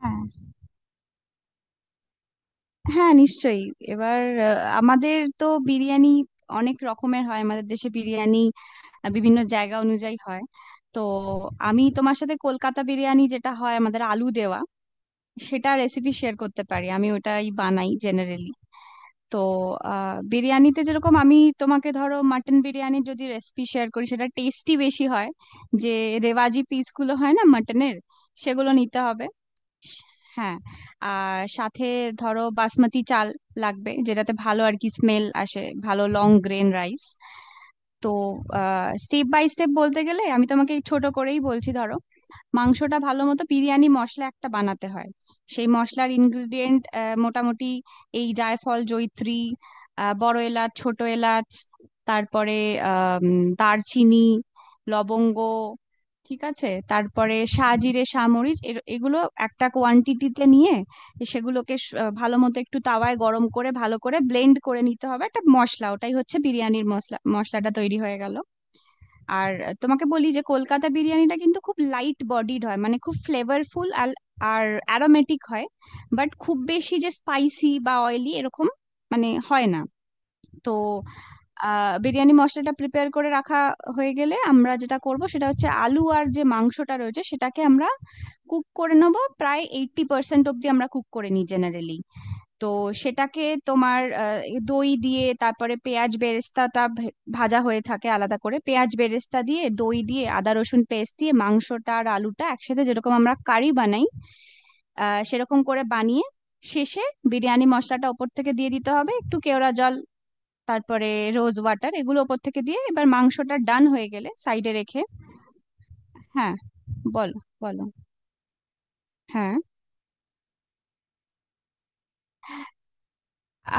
হ্যাঁ, হ্যাঁ, নিশ্চয়ই। এবার আমাদের তো বিরিয়ানি অনেক রকমের হয়, আমাদের দেশে বিরিয়ানি বিভিন্ন জায়গা অনুযায়ী হয়। তো আমি তোমার সাথে কলকাতা বিরিয়ানি যেটা হয় আমাদের আলু দেওয়া, সেটা রেসিপি শেয়ার করতে পারি, আমি ওটাই বানাই জেনারেলি। তো বিরিয়ানিতে যেরকম আমি তোমাকে, ধরো মাটন বিরিয়ানি যদি রেসিপি শেয়ার করি সেটা টেস্টি বেশি হয়, যে রেওয়াজি পিসগুলো হয় না মাটনের, সেগুলো নিতে হবে। হ্যাঁ, আর সাথে ধরো বাসমতি চাল লাগবে, যেটাতে ভালো আর কি স্মেল আসে, ভালো লং গ্রেন রাইস। তো স্টেপ বাই স্টেপ বলতে গেলে আমি তোমাকে ছোট করেই বলছি, ধরো মাংসটা ভালো মতো বিরিয়ানি মশলা একটা বানাতে হয়। সেই মশলার ইনগ্রিডিয়েন্ট মোটামুটি এই জায়ফল, জয়িত্রী, বড় এলাচ, ছোট এলাচ, তারপরে আহ দারচিনি, লবঙ্গ। ঠিক আছে, তারপরে সাজিরে, সামরিচ, এগুলো একটা কোয়ান্টিটিতে নিয়ে সেগুলোকে ভালো মতো একটু তাওয়ায় গরম করে ভালো করে ব্লেন্ড করে নিতে হবে, একটা মশলা ওটাই হচ্ছে বিরিয়ানির মশলা, মশলাটা তৈরি হয়ে গেল। আর তোমাকে বলি যে কলকাতা বিরিয়ানিটা কিন্তু খুব লাইট বডিড হয়, মানে খুব ফ্লেভারফুল আর আর অ্যারোমেটিক হয়, বাট খুব বেশি যে স্পাইসি বা অয়েলি এরকম মানে হয় না। তো বিরিয়ানি মশলাটা প্রিপেয়ার করে রাখা হয়ে গেলে আমরা যেটা করব সেটা হচ্ছে আলু আর যে মাংসটা রয়েছে সেটাকে আমরা কুক করে নেব, প্রায় 80% অব্দি আমরা কুক করে নিই জেনারেলি। তো সেটাকে তোমার এই দই দিয়ে, তারপরে পেঁয়াজ বেরেস্তাটা ভাজা হয়ে থাকে আলাদা করে, পেঁয়াজ বেরেস্তা দিয়ে, দই দিয়ে, আদা রসুন পেস্ট দিয়ে মাংসটা আর আলুটা একসাথে যেরকম আমরা কারি বানাই সেরকম করে বানিয়ে, শেষে বিরিয়ানি মশলাটা ওপর থেকে দিয়ে দিতে হবে, একটু কেওড়া জল, তারপরে রোজ ওয়াটার, এগুলো ওপর থেকে দিয়ে এবার মাংসটা ডান হয়ে গেলে সাইডে রেখে। হ্যাঁ, বলো। বলো। হ্যাঁ।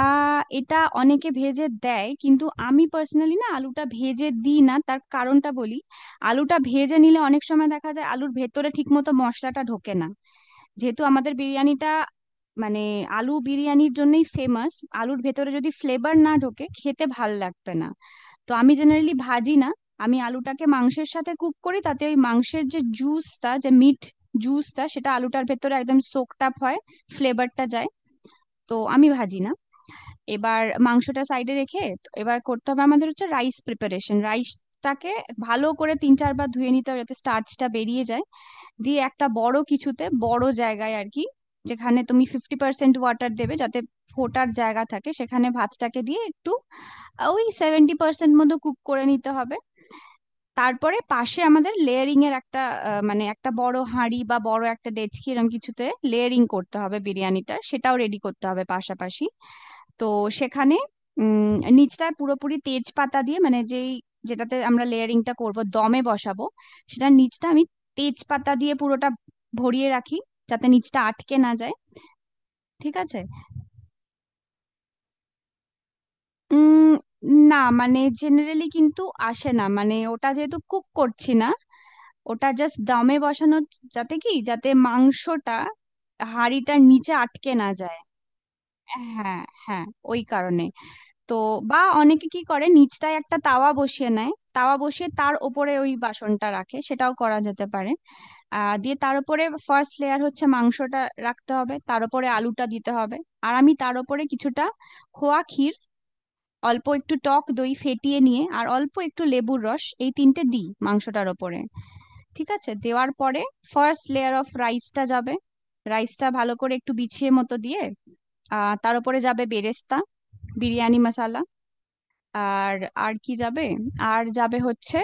এটা অনেকে ভেজে দেয়, কিন্তু আমি পার্সোনালি না, আলুটা ভেজে দিই না, তার কারণটা বলি। আলুটা ভেজে নিলে অনেক সময় দেখা যায় আলুর ভেতরে ঠিকমতো মশলাটা ঢোকে না। যেহেতু আমাদের বিরিয়ানিটা মানে আলু বিরিয়ানির জন্যই ফেমাস, আলুর ভেতরে যদি ফ্লেভার না ঢোকে খেতে ভাল লাগবে না। তো আমি জেনারেলি ভাজি না, আমি আলুটাকে মাংসের সাথে কুক করি, তাতে ওই মাংসের যে জুসটা, যে মিট জুসটা, সেটা আলুটার ভেতরে একদম সোকড আপ হয়, ফ্লেভারটা যায়। তো আমি ভাজি না। এবার মাংসটা সাইডে রেখে তো এবার করতে হবে আমাদের হচ্ছে রাইস প্রিপারেশন। রাইসটাকে ভালো করে তিন চারবার ধুয়ে নিতে হবে যাতে স্টার্চটা বেরিয়ে যায়, দিয়ে একটা বড় কিছুতে, বড় জায়গায় আর কি, যেখানে তুমি 50% ওয়াটার দেবে যাতে ফোটার জায়গা থাকে, সেখানে ভাতটাকে দিয়ে একটু ওই 70% মতো কুক করে নিতে হবে। তারপরে পাশে আমাদের লেয়ারিং এর একটা মানে একটা বড় হাঁড়ি বা বড় একটা ডেচকি এরকম কিছুতে লেয়ারিং করতে হবে বিরিয়ানিটার, সেটাও রেডি করতে হবে পাশাপাশি। তো সেখানে নিচটায় পুরোপুরি তেজপাতা দিয়ে, মানে যেটাতে আমরা লেয়ারিংটা করব দমে বসাবো, সেটা নিচটা আমি তেজপাতা দিয়ে পুরোটা ভরিয়ে রাখি, যাতে নিচটা আটকে না যায়। ঠিক আছে। উম না মানে জেনারেলি কিন্তু আসে না, মানে ওটা যেহেতু কুক করছি না, ওটা জাস্ট দমে বসানো, যাতে কি যাতে মাংসটা হাঁড়িটার নিচে আটকে না যায়। হ্যাঁ, হ্যাঁ, ওই কারণে। তো বা অনেকে কি করে নিচটায় একটা তাওয়া বসিয়ে নেয়, তাওয়া বসিয়ে তার ওপরে ওই বাসনটা রাখে, সেটাও করা যেতে পারে। দিয়ে তার উপরে ফার্স্ট লেয়ার হচ্ছে মাংসটা রাখতে হবে, তার উপরে আলুটা দিতে হবে, আর আমি তার উপরে কিছুটা খোয়া ক্ষীর, অল্প একটু টক দই ফেটিয়ে নিয়ে, আর অল্প একটু লেবুর রস, এই তিনটে দিই মাংসটার ওপরে। ঠিক আছে, দেওয়ার পরে ফার্স্ট লেয়ার অফ রাইসটা যাবে, রাইসটা ভালো করে একটু বিছিয়ে মতো দিয়ে তার উপরে যাবে বেরেস্তা, বিরিয়ানি মশলা, আর, আর কি যাবে, আর যাবে হচ্ছে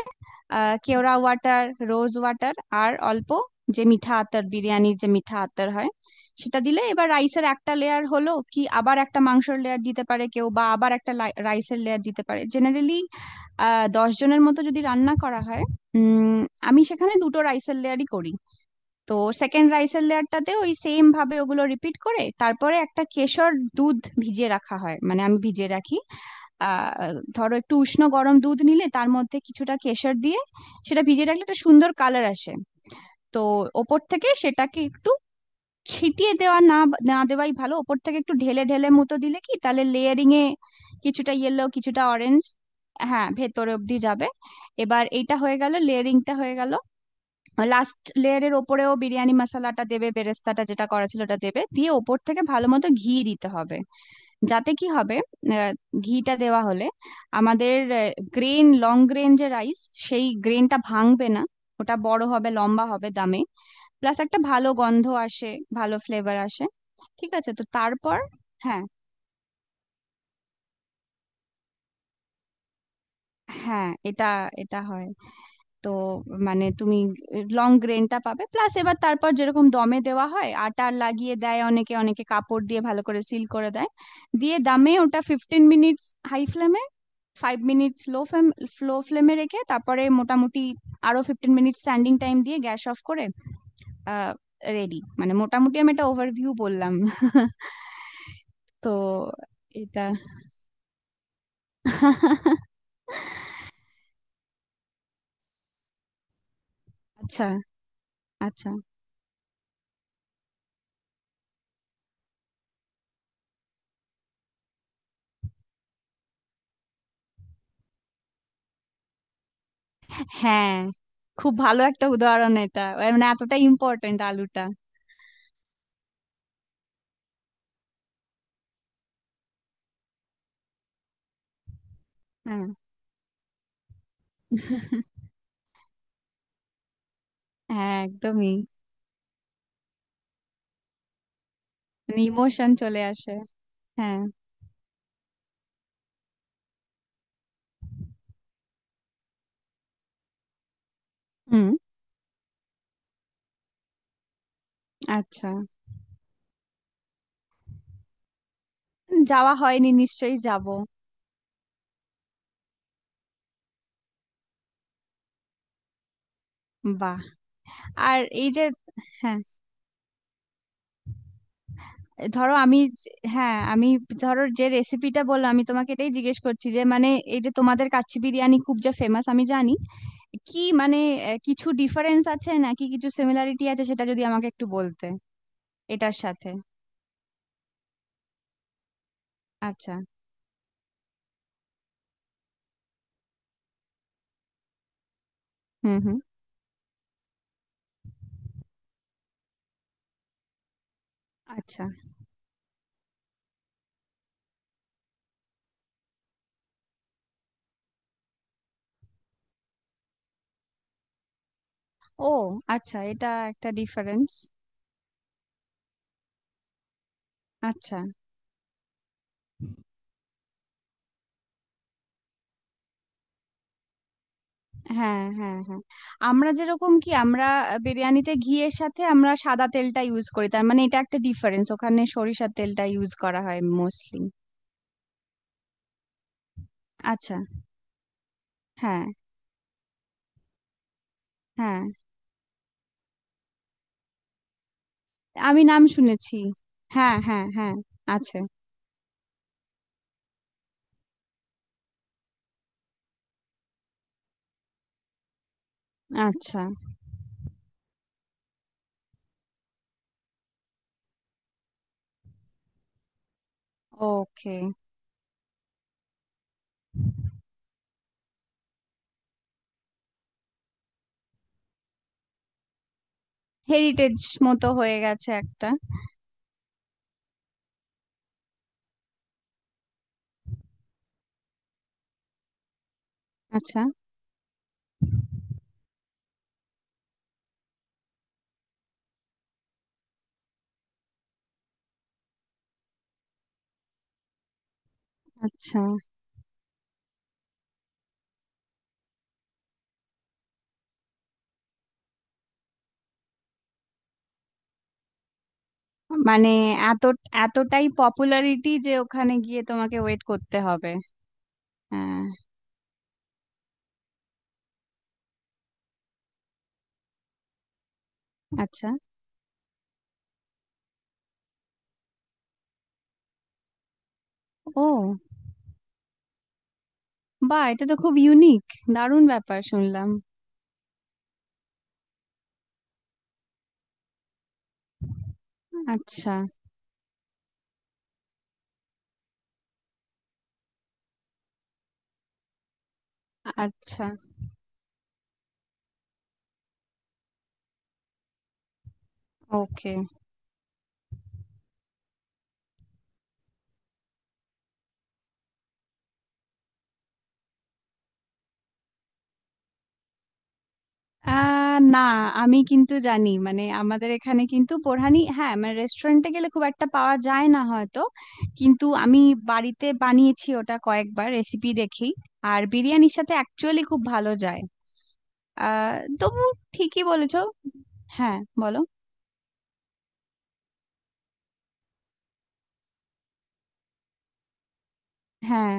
কেওড়া ওয়াটার, রোজ ওয়াটার, আর অল্প যে মিঠা আতর, বিরিয়ানির যে মিঠা আতর হয় সেটা দিলে, এবার রাইসের একটা লেয়ার হলো কি আবার একটা মাংসের লেয়ার দিতে পারে কেউ, বা আবার একটা রাইসের লেয়ার দিতে পারে জেনারেলি। 10 জনের মতো যদি রান্না করা হয় উম আমি সেখানে দুটো রাইসের লেয়ারই করি। তো সেকেন্ড রাইসের লেয়ারটাতে ওই সেম ভাবে ওগুলো রিপিট করে, তারপরে একটা কেশর দুধ ভিজিয়ে রাখা হয়, মানে আমি ভিজিয়ে রাখি। আহ ধরো একটু উষ্ণ গরম দুধ নিলে তার মধ্যে কিছুটা কেশর দিয়ে সেটা ভিজিয়ে রাখলে একটা সুন্দর কালার আসে। তো ওপর থেকে সেটাকে একটু ছিটিয়ে দেওয়া না, না দেওয়াই ভালো, ওপর থেকে একটু ঢেলে ঢেলে মতো দিলে কি তাহলে লেয়ারিং এ কিছুটা ইয়েলো, কিছুটা অরেঞ্জ। হ্যাঁ, ভেতর অব্দি যাবে। এবার এটা হয়ে গেল, লেয়ারিংটা হয়ে গেল। লাস্ট লেয়ারের ওপরেও বিরিয়ানি মশলাটা দেবে, বেরেস্তাটা যেটা করা ছিল ওটা দেবে, দিয়ে ওপর থেকে ভালো মতো ঘি দিতে হবে। যাতে কি হবে, আহ, ঘিটা দেওয়া হলে আমাদের গ্রেন, লং গ্রেন যে রাইস, সেই গ্রেনটা ভাঙবে না, ওটা বড় হবে, লম্বা হবে দামে, প্লাস একটা ভালো গন্ধ আসে, ভালো ফ্লেভার আসে। ঠিক আছে, তো তারপর হ্যাঁ, হ্যাঁ, এটা এটা হয়। তো মানে তুমি লং গ্রেনটা পাবে, প্লাস এবার তারপর যেরকম দমে দেওয়া হয় আটা লাগিয়ে দেয় অনেকে, অনেকে কাপড় দিয়ে ভালো করে সিল করে দেয়, দিয়ে দামে ওটা 15 minutes হাই ফ্লেমে, 5 minutes লো ফ্লেম, লো ফ্লেমে রেখে, তারপরে মোটামুটি আরো 15 মিনিট স্ট্যান্ডিং টাইম দিয়ে গ্যাস অফ করে আহ রেডি, মানে মোটামুটি আমি একটা ওভারভিউ বললাম। তো এটা। আচ্ছা। আচ্ছা। হ্যাঁ, খুব ভালো একটা উদাহরণ এটা, এ মানে এতটা ইম্পর্টেন্ট আলুটা। হ্যাঁ, হ্যাঁ, একদমই, মানে ইমোশন চলে আসে। হ্যাঁ। হুম। আচ্ছা। যাওয়া হয়নি, নিশ্চয়ই যাব। বাহ। আর এই যে, হ্যাঁ, ধরো আমি হ্যাঁ, আমি ধরো যে রেসিপিটা বললাম আমি তোমাকে, এটাই জিজ্ঞেস করছি যে মানে এই যে তোমাদের কাচ্চি বিরিয়ানি খুব যে ফেমাস আমি জানি, কি মানে কিছু ডিফারেন্স আছে নাকি, কিছু সিমিলারিটি আছে, সেটা যদি আমাকে একটু বলতে এটার সাথে। আচ্ছা। হুম, হুম। আচ্ছা। ও, আচ্ছা, এটা একটা ডিফারেন্স। আচ্ছা। হ্যাঁ, হ্যাঁ, হ্যাঁ, আমরা যেরকম কি আমরা বিরিয়ানিতে ঘিয়ের সাথে আমরা সাদা তেলটা ইউজ করি, তার মানে এটা একটা ডিফারেন্স, ওখানে সরিষার তেলটা ইউজ করা হয় মোস্টলি। আচ্ছা। হ্যাঁ, হ্যাঁ, আমি নাম শুনেছি, হ্যাঁ, হ্যাঁ, হ্যাঁ, আছে। আচ্ছা। ওকে। হেরিটেজ মতো হয়ে গেছে একটা। আচ্ছা। আচ্ছা, মানে এত, এতটাই পপুলারিটি যে ওখানে গিয়ে তোমাকে ওয়েট করতে হবে। হ্যাঁ। আচ্ছা। ও, বাহ, এটা তো খুব ইউনিক, দারুণ ব্যাপার শুনলাম। আচ্ছা। আচ্ছা। ওকে। না, আমি কিন্তু জানি, মানে আমাদের এখানে কিন্তু বোরহানি, হ্যাঁ, মানে রেস্টুরেন্টে গেলে খুব একটা পাওয়া যায় না হয়তো, কিন্তু আমি বাড়িতে বানিয়েছি ওটা কয়েকবার, রেসিপি দেখি, আর বিরিয়ানির সাথে অ্যাকচুয়ালি খুব ভালো যায়। তবু ঠিকই বলেছো। হ্যাঁ, বলো। হ্যাঁ,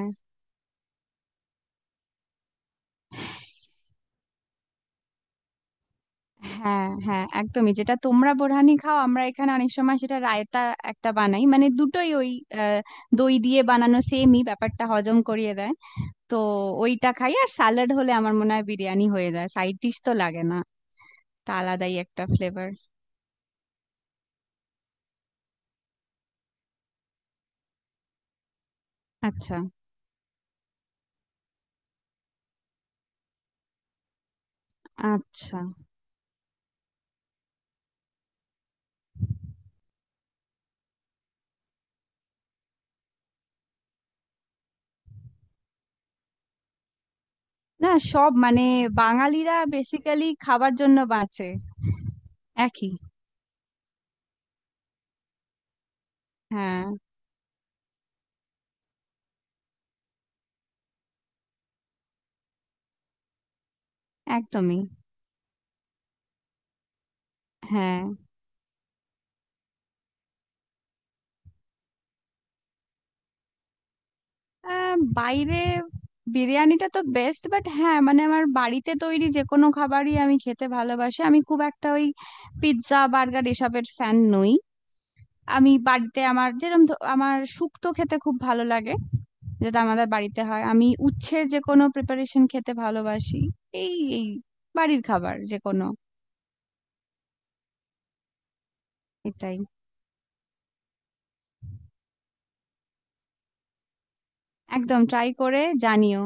হ্যাঁ, হ্যাঁ, একদমই, যেটা তোমরা বোরহানি খাও, আমরা এখানে অনেক সময় সেটা রায়তা একটা বানাই, মানে দুটোই ওই আহ, দই দিয়ে বানানো, সেমই ব্যাপারটা হজম করিয়ে দেয়। তো ওইটা খাই, আর স্যালাড হলে আমার মনে হয় বিরিয়ানি হয়ে যায়, সাইড ডিশ তো লাগে না, তা আলাদাই একটা ফ্লেভার। আচ্ছা। আচ্ছা। না, সব মানে বাঙালিরা বেসিক্যালি খাবার জন্য বাঁচে। একই। হ্যাঁ। একদমই। হ্যাঁ। বাইরে বিরিয়ানিটা তো বেস্ট, বাট হ্যাঁ মানে আমার বাড়িতে তৈরি যে কোনো খাবারই আমি খেতে ভালোবাসি, আমি খুব একটা ওই পিৎজা বার্গার এসবের ফ্যান নই। আমি বাড়িতে আমার যেরকম, আমার শুক্তো খেতে খুব ভালো লাগে, যেটা আমাদের বাড়িতে হয়, আমি উচ্ছের যে কোনো প্রিপারেশন খেতে ভালোবাসি। এই এই বাড়ির খাবার যে কোনো, এটাই। একদম, ট্রাই করে জানিও।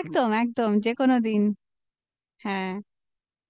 একদম, একদম, যে কোনো দিন। হ্যাঁ।